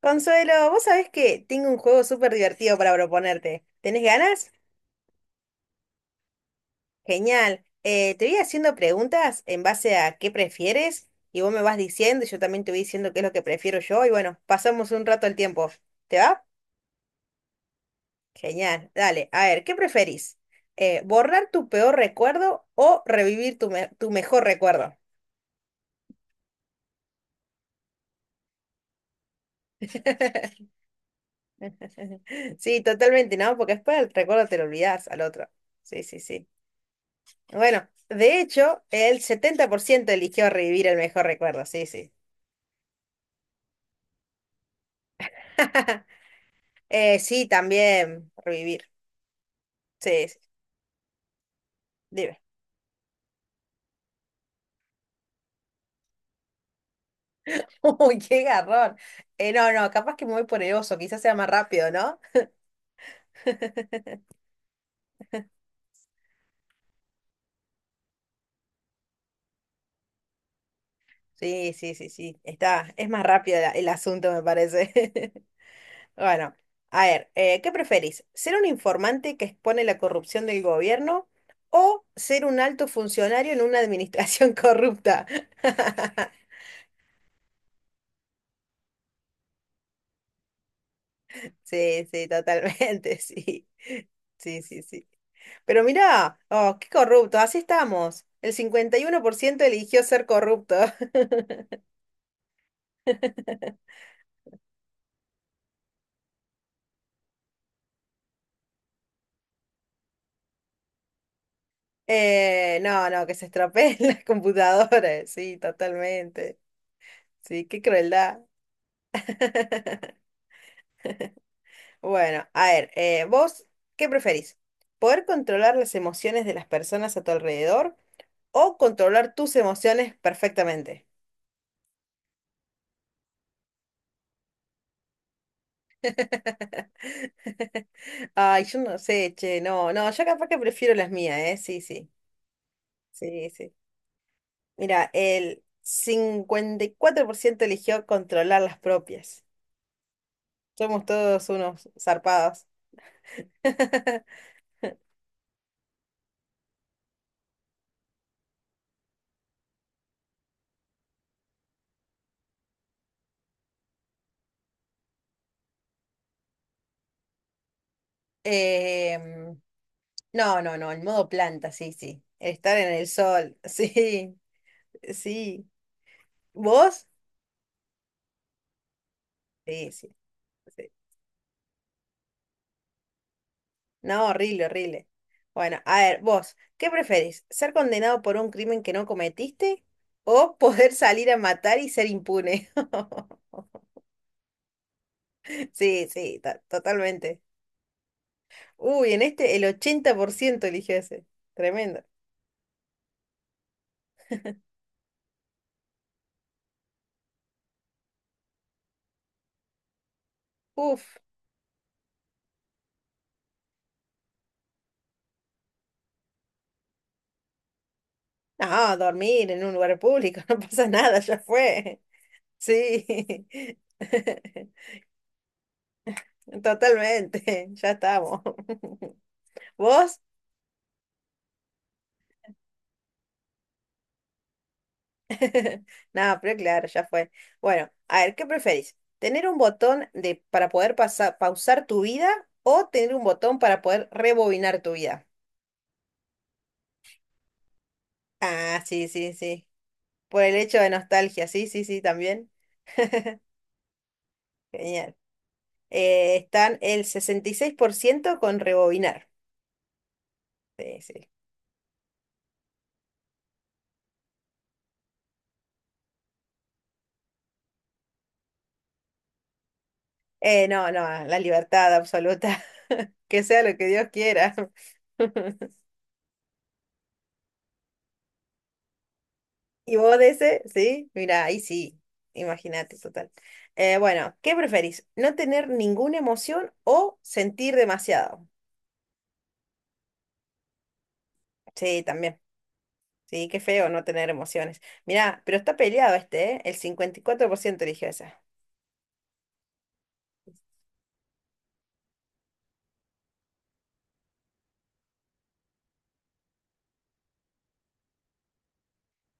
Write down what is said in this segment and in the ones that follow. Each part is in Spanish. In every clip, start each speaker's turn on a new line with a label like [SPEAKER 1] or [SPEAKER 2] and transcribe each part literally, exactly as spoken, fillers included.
[SPEAKER 1] Consuelo, vos sabés que tengo un juego súper divertido para proponerte. ¿Tenés ganas? Genial. Eh, te voy haciendo preguntas en base a qué prefieres y vos me vas diciendo y yo también te voy diciendo qué es lo que prefiero yo y bueno, pasamos un rato el tiempo. ¿Te va? Genial. Dale, a ver, ¿qué preferís? Eh, ¿borrar tu peor recuerdo o revivir tu, me- tu mejor recuerdo? Sí, totalmente, ¿no? Porque después el recuerdo te lo olvidás al otro. Sí, sí, sí. Bueno, de hecho, el setenta por ciento eligió revivir el mejor recuerdo, sí, sí. Eh, sí, también revivir. Sí, sí. Dime. Uy, qué garrón. Eh, no, no, capaz que me voy por el oso, quizás sea más rápido, ¿no? Sí, sí, sí, sí. Está, es más rápido la- el asunto, me parece. Bueno, a ver, eh, ¿qué preferís? ¿Ser un informante que expone la corrupción del gobierno o ser un alto funcionario en una administración corrupta? Sí, sí, totalmente, sí. Sí, sí, sí. Pero mirá, oh, qué corrupto, así estamos. El cincuenta y uno por ciento eligió ser corrupto. Eh, no, no, que se estropeen las computadoras, sí, totalmente. Sí, qué crueldad. Bueno, a ver, eh, ¿vos qué preferís? ¿Poder controlar las emociones de las personas a tu alrededor o controlar tus emociones perfectamente? Ay, yo no sé, che, no, no, yo capaz que prefiero las mías, ¿eh? Sí, sí, sí, sí. Mira, el cincuenta y cuatro por ciento eligió controlar las propias. Somos todos unos zarpados. Em, no, no, no, el modo planta, sí, sí. El estar en el sol, sí, sí. ¿Vos? Sí, sí. Sí. No, horrible, horrible. Bueno, a ver, vos, ¿qué preferís? ¿Ser condenado por un crimen que no cometiste o poder salir a matar y ser impune? Sí, sí, to- totalmente. Uy, en este el ochenta por ciento eligió ese. Tremendo. Uf. No, dormir en un lugar público, no pasa nada, ya fue. Sí. Totalmente, ya estamos. ¿Vos? Nada, pero claro, ya fue. Bueno, a ver, ¿qué preferís? ¿Tener un botón de, para poder pasar, pausar tu vida o tener un botón para poder rebobinar tu vida? Ah, sí, sí, sí. Por el hecho de nostalgia, sí, sí, sí, también. Genial. Eh, están el sesenta y seis por ciento con rebobinar. Sí, sí. Eh, no, no, la libertad absoluta. Que sea lo que Dios quiera. ¿Y vos de ese? Sí, mira, ahí sí, imagínate, total. Eh, bueno, ¿qué preferís? ¿No tener ninguna emoción o sentir demasiado? Sí, también. Sí, qué feo no tener emociones. Mirá, pero está peleado este, ¿eh? El cincuenta y cuatro por ciento eligió esa.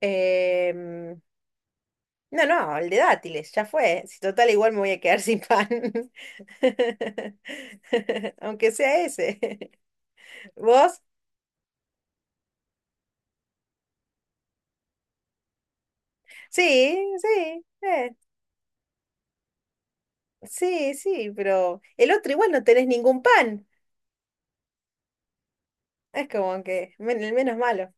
[SPEAKER 1] Em, no, no, el de dátiles, ya fue. Si total, igual me voy a quedar sin pan. Aunque sea ese. ¿Vos? Sí, sí. eh, sí, sí, pero el otro igual no tenés ningún pan. Es como que men- el menos malo.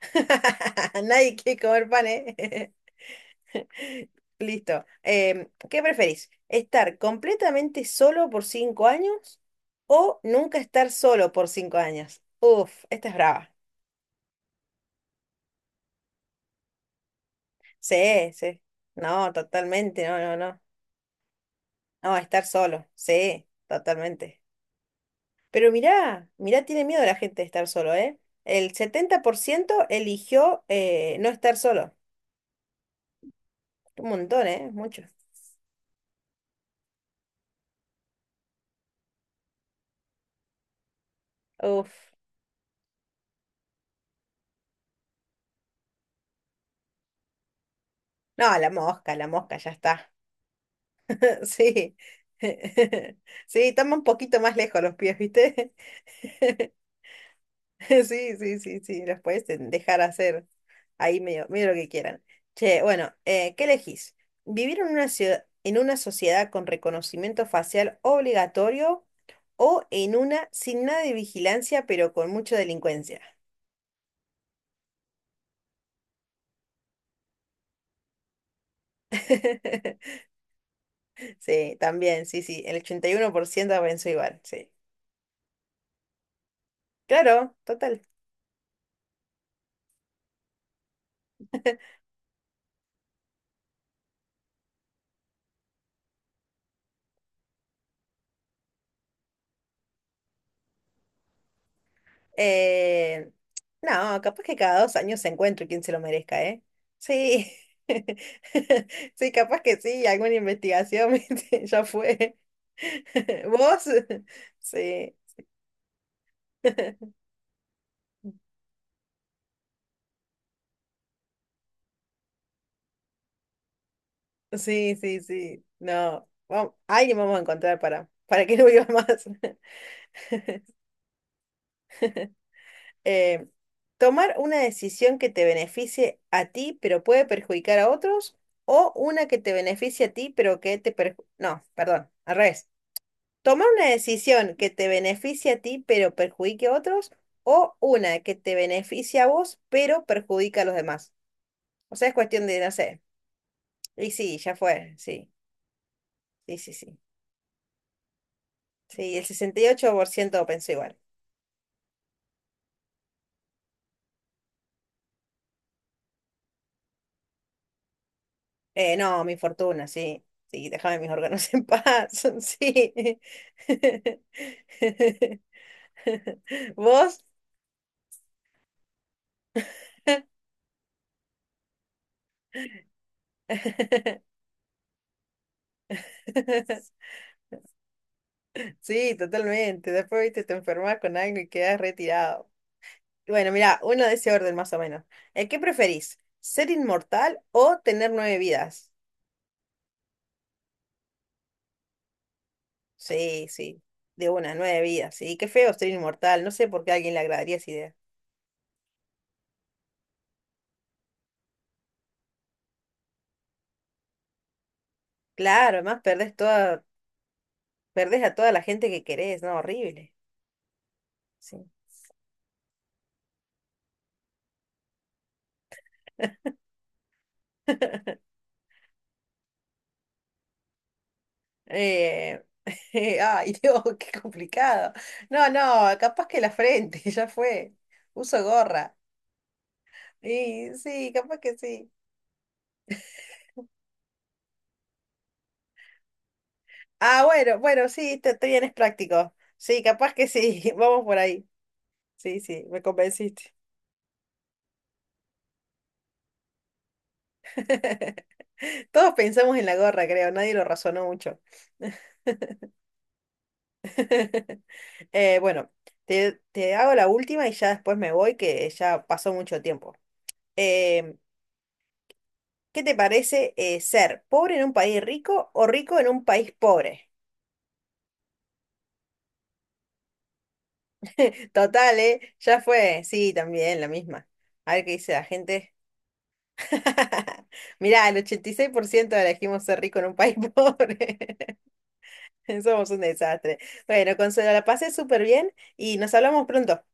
[SPEAKER 1] Nadie quiere comer pan, ¿eh? Listo. Em, ¿qué preferís? ¿Estar completamente solo por cinco años o nunca estar solo por cinco años? Uf, esta es brava. Sí, sí. No, totalmente, no, no, no. No, estar solo. Sí, totalmente. Pero mirá, mirá, tiene miedo la gente de estar solo, ¿eh? El setenta por ciento eligió eh, no estar solo. Un montón, ¿eh? Mucho. Uf. No, la mosca, la mosca, ya está. Sí. Sí, toma un poquito más lejos los pies, ¿viste? Sí, sí, sí, sí, los puedes de- dejar hacer ahí medio, medio lo que quieran. Che, bueno, eh, ¿qué elegís? ¿Vivir en una ciudad, en una sociedad con reconocimiento facial obligatorio o en una sin nada de vigilancia pero con mucha delincuencia? Sí, también, sí, sí, el ochenta y uno por ciento pensó igual, sí. Claro, total. Eh, no, capaz que cada dos años se encuentre quien se lo merezca, ¿eh? Sí. Sí, capaz que sí, alguna investigación, ¿viste? Ya fue. ¿Vos? Sí. Sí, sí, sí. No. Vamos, alguien vamos a encontrar para, para que no viva más. Eh, tomar una decisión que te beneficie a ti, pero puede perjudicar a otros, o una que te beneficie a ti, pero que te perju- no, perdón, al revés. Tomar una decisión que te beneficie a ti pero perjudique a otros o una que te beneficie a vos pero perjudica a los demás. O sea, es cuestión de, no sé. Y sí, ya fue, sí, sí, sí, sí. Sí, el sesenta y ocho por ciento pensó igual. Eh, no, mi fortuna, sí. Sí, déjame mis órganos en paz, sí. ¿Vos? Sí, totalmente. Después, viste, te enfermas con algo y quedas retirado. Bueno, mira, uno de ese orden más o menos. Eh, ¿qué preferís? ¿Ser inmortal o tener nueve vidas? Sí, sí, de una, nueve vidas. Sí, qué feo ser inmortal. No sé por qué a alguien le agradaría esa idea. Claro, además perdés toda, perdés a toda la gente que querés, ¿no? Horrible. Sí. Eh, ay, Dios, qué complicado. No, no, capaz que la frente, ya fue. Uso gorra. Y sí, capaz que sí. Ah, bueno, bueno, sí, te, te vienes práctico. Sí, capaz que sí, vamos por ahí. Sí, sí, me convenciste. Todos pensamos en la gorra, creo, nadie lo razonó mucho. Eh, bueno, te, te hago la última y ya después me voy, que ya pasó mucho tiempo. Em, ¿qué te parece eh, ser pobre en un país rico o rico en un país pobre? Total, ¿eh? Ya fue, sí, también la misma. A ver qué dice la gente. Mirá, el ochenta y seis por ciento elegimos ser rico en un país pobre. Somos un desastre. Bueno, Consuelo, la pasé súper bien y nos hablamos pronto.